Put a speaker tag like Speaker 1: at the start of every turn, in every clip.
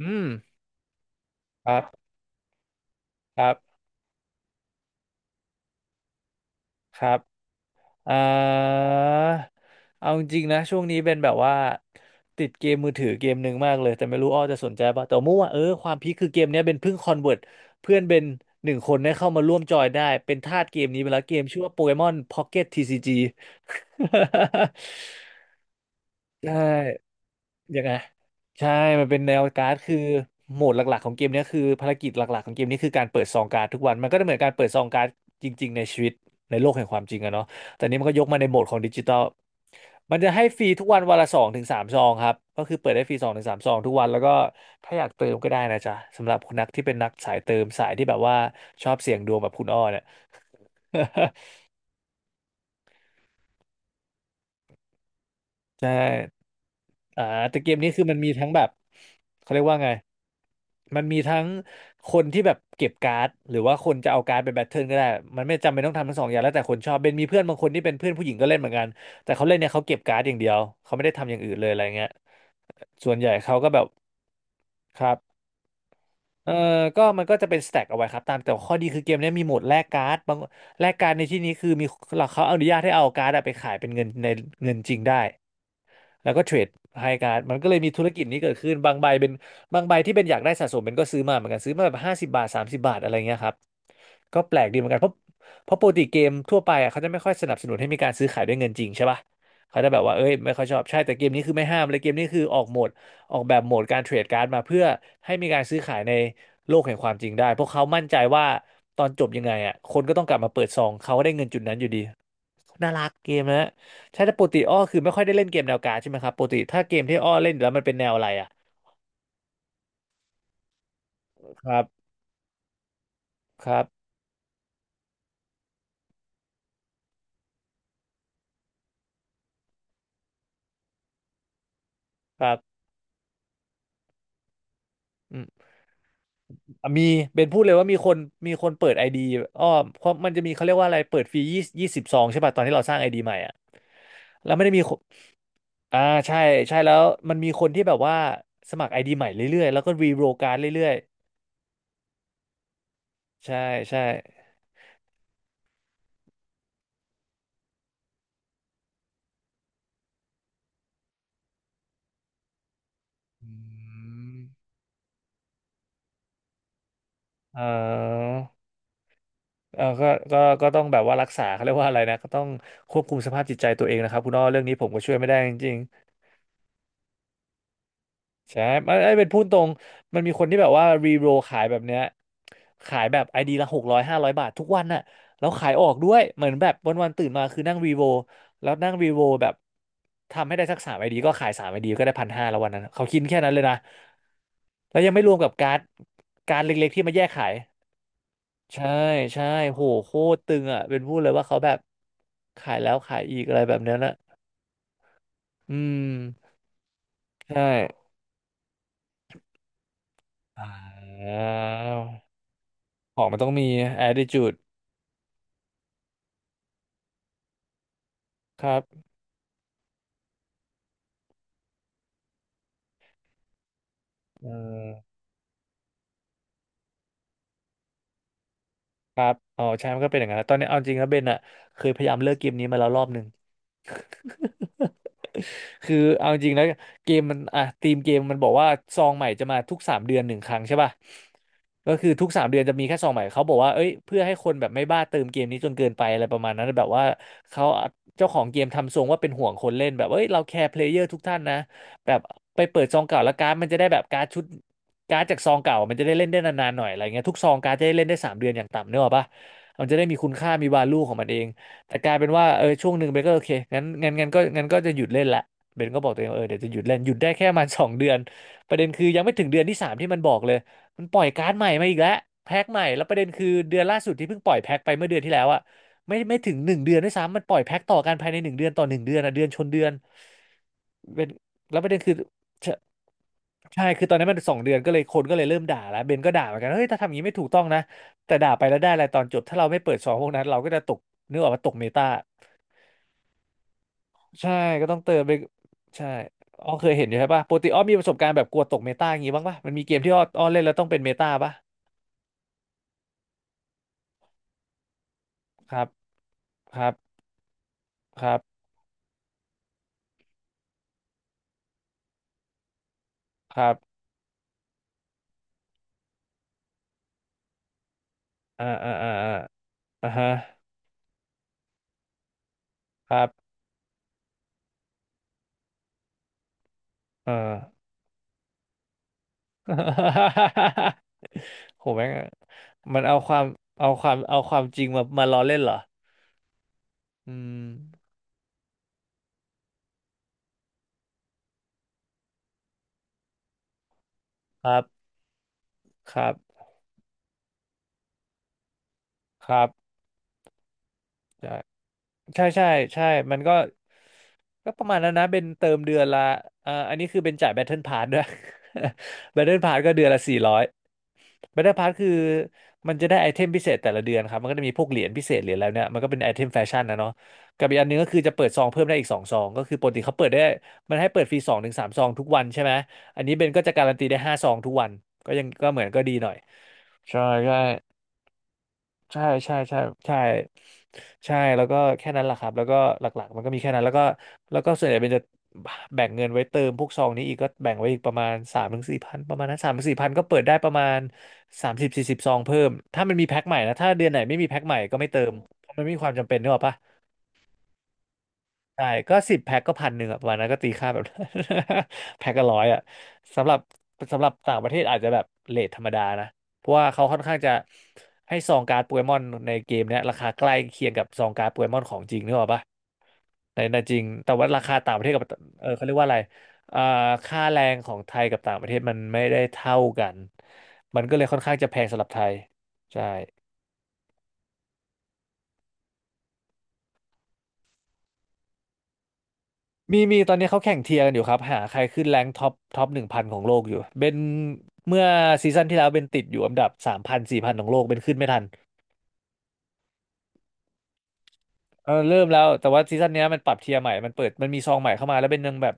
Speaker 1: อืมครับครับครับอ่าเอาจริงๆนะช่วงนี้เป็นแบบว่าติดเกมมือถือเกมหนึ่งมากเลยแต่ไม่รู้อ้อจะสนใจป่ะแต่ว่าเมื่อวาความพีคคือเกมเนี้ยเป็นเพิ่งคอนเวิร์ตเพื่อนเป็นหนึ่งคนได้เข้ามาร่วมจอยได้เป็นทาสเกมนี้ไปแล้วเกมชื่อว่าโปเกมอนพ็อกเก็ตทีซีจี ใช่ ยังไงใช่มันเป็นแนวการ์ดคือโหมดหลักๆของเกมเนี้ยคือภารกิจหลักๆของเกมนี้คือการเปิดซองการ์ดทุกวันมันก็เหมือนการเปิดซองการ์ดจริงๆในชีวิตในโลกแห่งความจริงอะเนาะแต่นี้มันก็ยกมาในโหมดของดิจิทัลมันจะให้ฟรีทุกวันวันละสองถึงสามซองครับก็คือเปิดได้ฟรีสองถึงสามซองทุกวันแล้วก็ถ้าอยากเติมก็ได้นะจ๊ะสำหรับคนนักที่เป็นนักสายเติมสายที่แบบว่าชอบเสี่ยงดวงแบบคุณอ้อเนี่ย ใช่ อ่าแต่เกมนี้คือมันมีทั้งแบบเขาเรียกว่าไงมันมีทั้งคนที่แบบเก็บการ์ดหรือว่าคนจะเอาการ์ดไปแบทเทิลก็ได้มันไม่จำเป็นต้องทำทั้งสองอย่างแล้วแต่คนชอบเป็นมีเพื่อนบางคนที่เป็นเพื่อนผู้หญิงก็เล่นเหมือนกันแต่เขาเล่นเนี่ยเขาเก็บการ์ดอย่างเดียวเขาไม่ได้ทำอย่างอื่นเลยอะไรเงี้ยส่วนใหญ่เขาก็แบบครับเออมันก็จะเป็นสแต็กเอาไว้ครับตามแต่ข้อดีคือเกมเนี้ยมีโหมดแลกการ์ดบางแลกการ์ดในที่นี้คือมีเขาอนุญาตให้เอาการ์ดอะไปขายเป็นเงินในเงินจริงได้ แล้วก็เทรดไฮการ์ดมันก็เลยมีธุรกิจนี้เกิดขึ้นบางใบเป็นบางใบที่เป็นอยากได้สะสมเป็นก็ซื้อมาเหมือนกันซื้อมาแบบห้าสิบบาทสามสิบบาทอะไรเงี้ยครับก็แปลกดีเหมือนกันเพราะปกติเกมทั่วไปอ่ะเขาจะไม่ค่อยสนับสนุนให้มีการซื้อขายด้วยเงินจริงใช่ป่ะเขาจะแบบว่าเอ้ยไม่ค่อยชอบใช่แต่เกมนี้คือไม่ห้ามเลยเกมนี้คือออกโหมดออกแบบโหมดการเทรดการ์ดมาเพื่อให้มีการซื้อขายในโลกแห่งความจริงได้เพราะเขามั่นใจว่าตอนจบยังไงอ่ะคนก็ต้องกลับมาเปิดซองเขาก็ได้เงินจุดนั้นอยู่ดีน่ารักเกมนะ ใช่แต่ปกติอ้อคือไม่ค่อยได้เล่นเกมแนวการ์ดใช่ไหมครับปกติถ้าเกมที่อ้อเล่นอยู่แล้วมันเป็นแนวอะไรอ่ะครับครับครับอืมอ่ะมีเป็นพูดเลยว่ามีคนมีคนเปิดไอดีอ้อเพราะมันจะมีเขาเรียกว่าอะไรเปิดฟรียี่สิบสองใช่ป่ะตอนที่เราสร้างไอดีใหม่อ่ะแล้วไม่ได้มีคนอ่าใช่ใช่แล้วมันมีคนที่แบบว่าสมัครไอดีใหม่เรื่อยๆแล้วก็รีโรลการ์ดเรื่อยๆใช่ใช่อืมเออ เออก็ก็ต้องแบบว่ารักษาเขาเรียกว่าอะไรนะก็ต้องควบคุมสภาพจิตใจตัวเองนะครับคุณอ้อเรื่องนี้ผมก็ช่วยไม่ได้จริงๆใช่มันไอ้ยเป็นพูดตรงมันมีคนที่แบบว่ารีโรลขายแบบเนี้ยขายแบบไอดีละหกร้อยห้าร้อยบาททุกวันน่ะแล้วขายออกด้วยเหมือนแบบวันๆตื่นมาคือนั่งรีโรลแล้วนั่งรีโรลแบบทำให้ได้สักสามไอดีก็ขายสามไอดีก็ได้พันห้าแล้ววันนั้นเขาคิดแค่นั้นเลยนะแล้วยังไม่รวมกับการ์ดการ์ดเล็กๆที่มาแยกขาย ใช่ใช่โหโคตรตึงอ่ะเป็นพูดเลยว่าเขาแบบขายแล้วขายอีกอะไรแบบเนี้ยนะอืมใช่อ่าของมันต้องมี attitude ครับเออ ครับอ๋อใช่มันก็เป็นอย่างนั้นตอนนี้เอาจริงนะเบนอะเคยพยายามเลิกเกมนี้มาแล้วรอบหนึ่ง คือเอาจริงนะเกมมันอ่ะทีมเกมมันบอกว่าซองใหม่จะมาทุกสามเดือนหนึ่งครั้งใช่ป่ะก็คือทุกสามเดือนจะมีแค่ซองใหม่เขาบอกว่าเอ้ยเพื่อให้คนแบบไม่บ้าเติมเกมนี้จนเกินไปอะไรประมาณนั้นแบบว่าเขาเจ้าของเกมทำทรงว่าเป็นห่วงคนเล่นแบบเอ้ยเราแคร์เพลเยอร์ทุกท่านนะแบบไปเปิดซองเก่าแล้วการ์ดมันจะได้แบบการ์ดชุด การ์ดจากซองเก่ามันจะได้เล่นได้นานๆหน่อยอะไรเงี้ยทุกซองการ์ดจะได้เล่นได้3 เดือนอย่างต่ำเนกอะปะมันจะได้มีคุณค่ามีวาลูของมันเองแต่กลายเป็นว่าเออช่วงหนึ่งเบนก็โอเคงั้นก็จะหยุดเล่นละเบนก็บอกตัวเองว่าเออเดี๋ยวจะหยุดเล่นหยุดได้แค่ประมาณสองเดือนประเด็นคือยังไม่ถึงเดือนที่สามที่มันบอกเลยมันปล่อยการ์ดใหม่มาอีกแล้วแพ็คใหม่แล้วประเด็นคือเดือนล่าสุดที่เพิ่งปล่อยแพ็คไปเมื่อเดือนที่แล้วอะไม่ถึงหนึ่งเดือนด้วยซ้ำมันปล่อยแพ็คต่อกันภายใน1 เดือนต่อ 1 เดือนอะเดือนชนเดือน เป็นแล้วประเด็นคือใช่คือตอนนั้นมันสองเดือนก็เลยคนก็เลยเริ่มด่าแล้วเบนก็ด่าเหมือนกันเฮ้ยถ้าทำอย่างนี้ไม่ถูกต้องนะแต่ด่าไปแล้วได้อะไรตอนจบถ้าเราไม่เปิดซองพวกนั้นเราก็จะตกนึกออกมาตกเมตาใช่ก็ต้องเติมไปใช่อ้อเคยเห็นอยู่ใช่ปะปกติอ้อมีประสบการณ์แบบกลัวตกเมตาอย่างงี้บ้างปะมันมีเกมที่อ้อเล่นแล้วต้องเป็นเมตาปะครับครับครับครับอ่าอ่าอ่าอ่าอ่าฮะครับเออ โหแม่งมันเอาความเอาความเอาความจริงมาล้อเล่นเหรออืมครับครับ ครับ ใช่ใช่ใช่ใช่มันก็ประมาณนั้นนะเป็นเติมเดือนละอ่าอันนี้คือเป็นจ่ายแบ t เทิลพาสด้วย แบ t เทิลพาสก็เดือนละ400 บัตเตอร์พาสคือมันจะได้ไอเทมพิเศษแต่ละเดือนครับมันก็จะมีพวกเหรียญพิเศษเหรียญแล้วเนี่ยมันก็เป็นไอเทมแฟชั่นนะเนาะกับอีกอันหนึงก็คือจะเปิดซองเพิ่มได้อีก2 ซองก็คือปกติเขาเปิดได้มันให้เปิดฟรี2-3 ซองทุกวันใช่ไหมอันนี้เบนก็จะการันตีได้5 ซองทุกวันก็ยังก็เหมือนก็ดีหน่อยใช่ใช่ ใช่ใช่ใช่ใช่ใช่แล้วก็แค่นั้นแหละครับแล้วก็หลักๆมันก็มีแค่นั้นแล้วก็ส่วนใหญ่เป็นจะแบ่งเงินไว้เติมพวกซองนี้อีกก็แบ่งไว้อีกประมาณสามถึงสี่พันประมาณนั้นสามถึงสี่พันก็เปิดได้ประมาณ30-40 ซองเพิ่มถ้ามันมีแพ็คใหม่นะถ้าเดือนไหนไม่มีแพ็คใหม่ก็ไม่เติมเพราะมันไม่มีความจำเป็นเนึกออปะ ใช่ก็10 แพ็คก็1,100อะประมาณนั้นก็ตีค่าแบบ แพ็คก็ร้อยอะสำหรับสำหรับต่างประเทศอาจจะแบบเรทธรรมดานะเพราะว่าเขาค่อนข้างจะให้ซองการ์ดโปเกมอนในเกมเนี้ยราคาใกล้เคียงกับซองการ์ดโปเกมอนของจริงนึกออกปะในจริงแต่ว่าราคาต่างประเทศกับเออเขาเรียกว่าอะไรอ่าค่าแรงของไทยกับต่างประเทศมันไม่ได้เท่ากันมันก็เลยค่อนข้างจะแพงสำหรับไทยใช่ มีตอนนี้เขาแข่งเทียร์กันอยู่ครับหาใครขึ้นแรงท็อป1,000ของโลกอยู่เป็นเมื่อซีซั่นที่แล้วเป็นติดอยู่อันดับ3,000-4,000ของโลกเป็นขึ้นไม่ทันเออเริ่มแล้วแต่ว่าซีซั่นเนี้ยมันปรับเทียร์ใหม่มันเปิดมันมีซองใหม่เข้ามาแล้วเป็นยังแบบ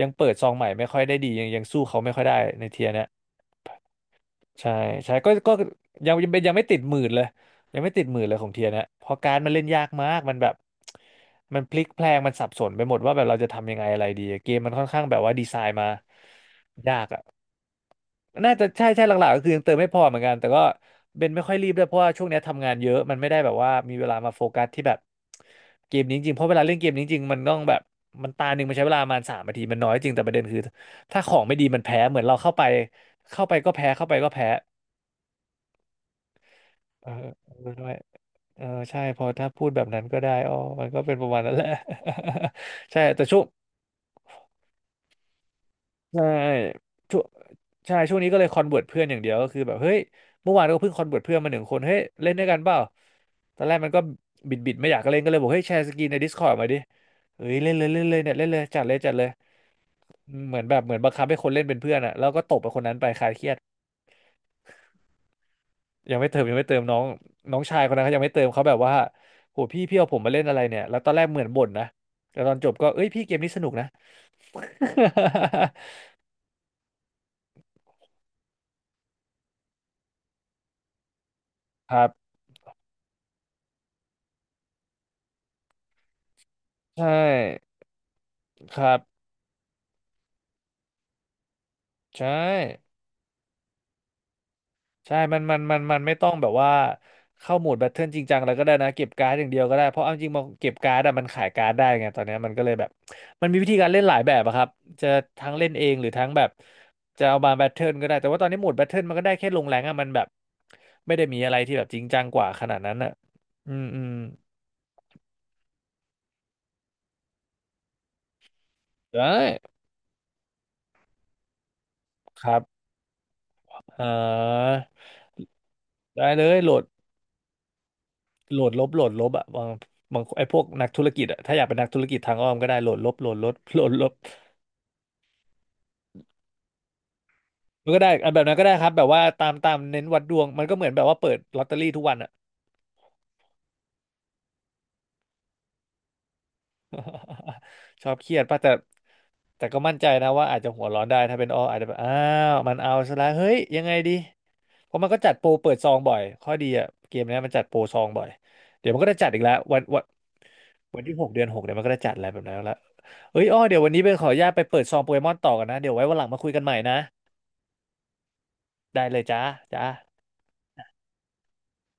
Speaker 1: ยังเปิดซองใหม่ไม่ค่อยได้ดียังสู้เขาไม่ค่อยได้ในเทียร์เนี้ย ใช่ใช่ก็ยังเป็นยังไม่ติดหมื่นเลยยังไม่ติดหมื่นเลยของเทียนะเพราะการดมันเล่นยากมากมันแบบมันพลิกแพลงมันสับสนไปหมดว่าแบบเราจะทำยังไงอะไรดีเกมมันค่อนข้างแบบว่าดีไซน์มายากอ่ะน่าจะใช่ใช่หลักๆก็คือยังเติมไม่พอเหมือนกันแต่ก็เบนไม่ค่อยรีบด้วยเพราะว่าช่วงเนี้ยทำงานเยอะมันไม่ได้แบบว่ามีเวลามาโฟกัสที่แบบเกมนี้จริงๆเพราะเวลาเล่นเกมนี้จริงมันต้องแบบมันตาหนึ่งมันใช้เวลาประมาณ3 นาทีมันน้อยจริงแต่ประเด็นคือถ้าของไม่ดีมันแพ้เหมือนเราเข้าไปเข้าไปก็แพ้เข้าไปก็แพ้ เออเออด้วยเออใช่พอถ้าพูดแบบนั้นก็ได้อ๋อมันก็เป็นประมาณนั้นแหละ ใช่แต่ใช่ช่วงช่วงนี้ก็เลยคอนเวิร์ตเพื่อนอย่างเดียวก็คือแบบเฮ้ย เมื่อวานก็เพิ่งคอนเวิร์ตเพื่อนมาหนึ่งคนเฮ้ย เล่นด้วยกันเปล่าตอนแรกมันก็บิดไม่อยากเล่นก็เลยบอกเฮ้ยแชร์สกรีนใน Discord มาดิเฮ้ยเล่นเลยเล่นเลยเนี่ยเล่นเลยจัดเลยจัดเลยเหมือนแบบเหมือนบังคับให้คนเล่นเป็นเพื่อนอะแล้วก็ตบไปคนนั้นไปคลายเครียด ยังไม่เติมยังไม่เติมน้องน้องชายคนนั้นเขายังไม่เติมเขาแบบว่าโหพี่พี่เอาผมมาเล่นอะไรเนี่ยแล้วตอนแรกเหมือนบ่นนะแต่ตอนจบก็เอ้ยพี่เกมนี้สนุกนะ ครับใช่ครับใช่ ใช่มันไม่ต้องแบบว่าเข้าโหมดแบทเทิลจริงจังอะไรก็ได้นะเก็บการ์ดอย่างเดียวก็ได้เพราะเอาจริงมาเก็บการ์ดอะมันขายการ์ดได้ไงตอนเนี้ยมันก็เลยแบบมันมีวิธีการเล่นหลายแบบอะครับจะทั้งเล่นเองหรือทั้งแบบจะเอามาแบทเทิลก็ได้แต่ว่าตอนนี้โหมดแบทเทิลมันก็ได้แค่ลงแรงอะมันแบบไม่ได้มีอะไรที่แบบจริงจังกว่าขนาดนั้นอะอืมอืมได้ครับเอ่อได้เลยโหลดโหลดลบโหลดลบอะบางบางไอ้พวกนักธุรกิจอะถ้าอยากเป็นนักธุรกิจทางอ้อมก็ได้โหลดลบโหลดลบโหลดลบ มันก็ได้อ่ะแบบนั้นก็ได้ครับ แบบว่าตามตามเน้นวัดดวง มันก็เหมือนแบบว่าเปิดลอตเตอรี่ทุกวันอะ ชอบเครียดป่ะแต่แต่ก็มั่นใจนะว่าอาจจะหัวร้อนได้ ถ้าเป็นอ้ออาจจะแบบอ้าวมันเอาซะแล้วเฮ้ย ยังไงดี เพราะมันก็จัดโปรเปิดซองบ่อยข้อดีอะเกมเนี้ยมันจัดโปรซองบ่อย เดี๋ยวมันก็จะจัดอีกแล้ววันวันวันที่หกเดือนหกเดี๋ยวมันก็จะจัดอะไรแบบนั้นแล้วเอ้ยอ้อเดี๋ยววันนี้เป็นขออนุญาตไปเปิดซองโปเกมอนต่อกันนะเดี๋ยวไว้วันหลังมาคุยกันใหม่นะได้เลยจ้าจ้า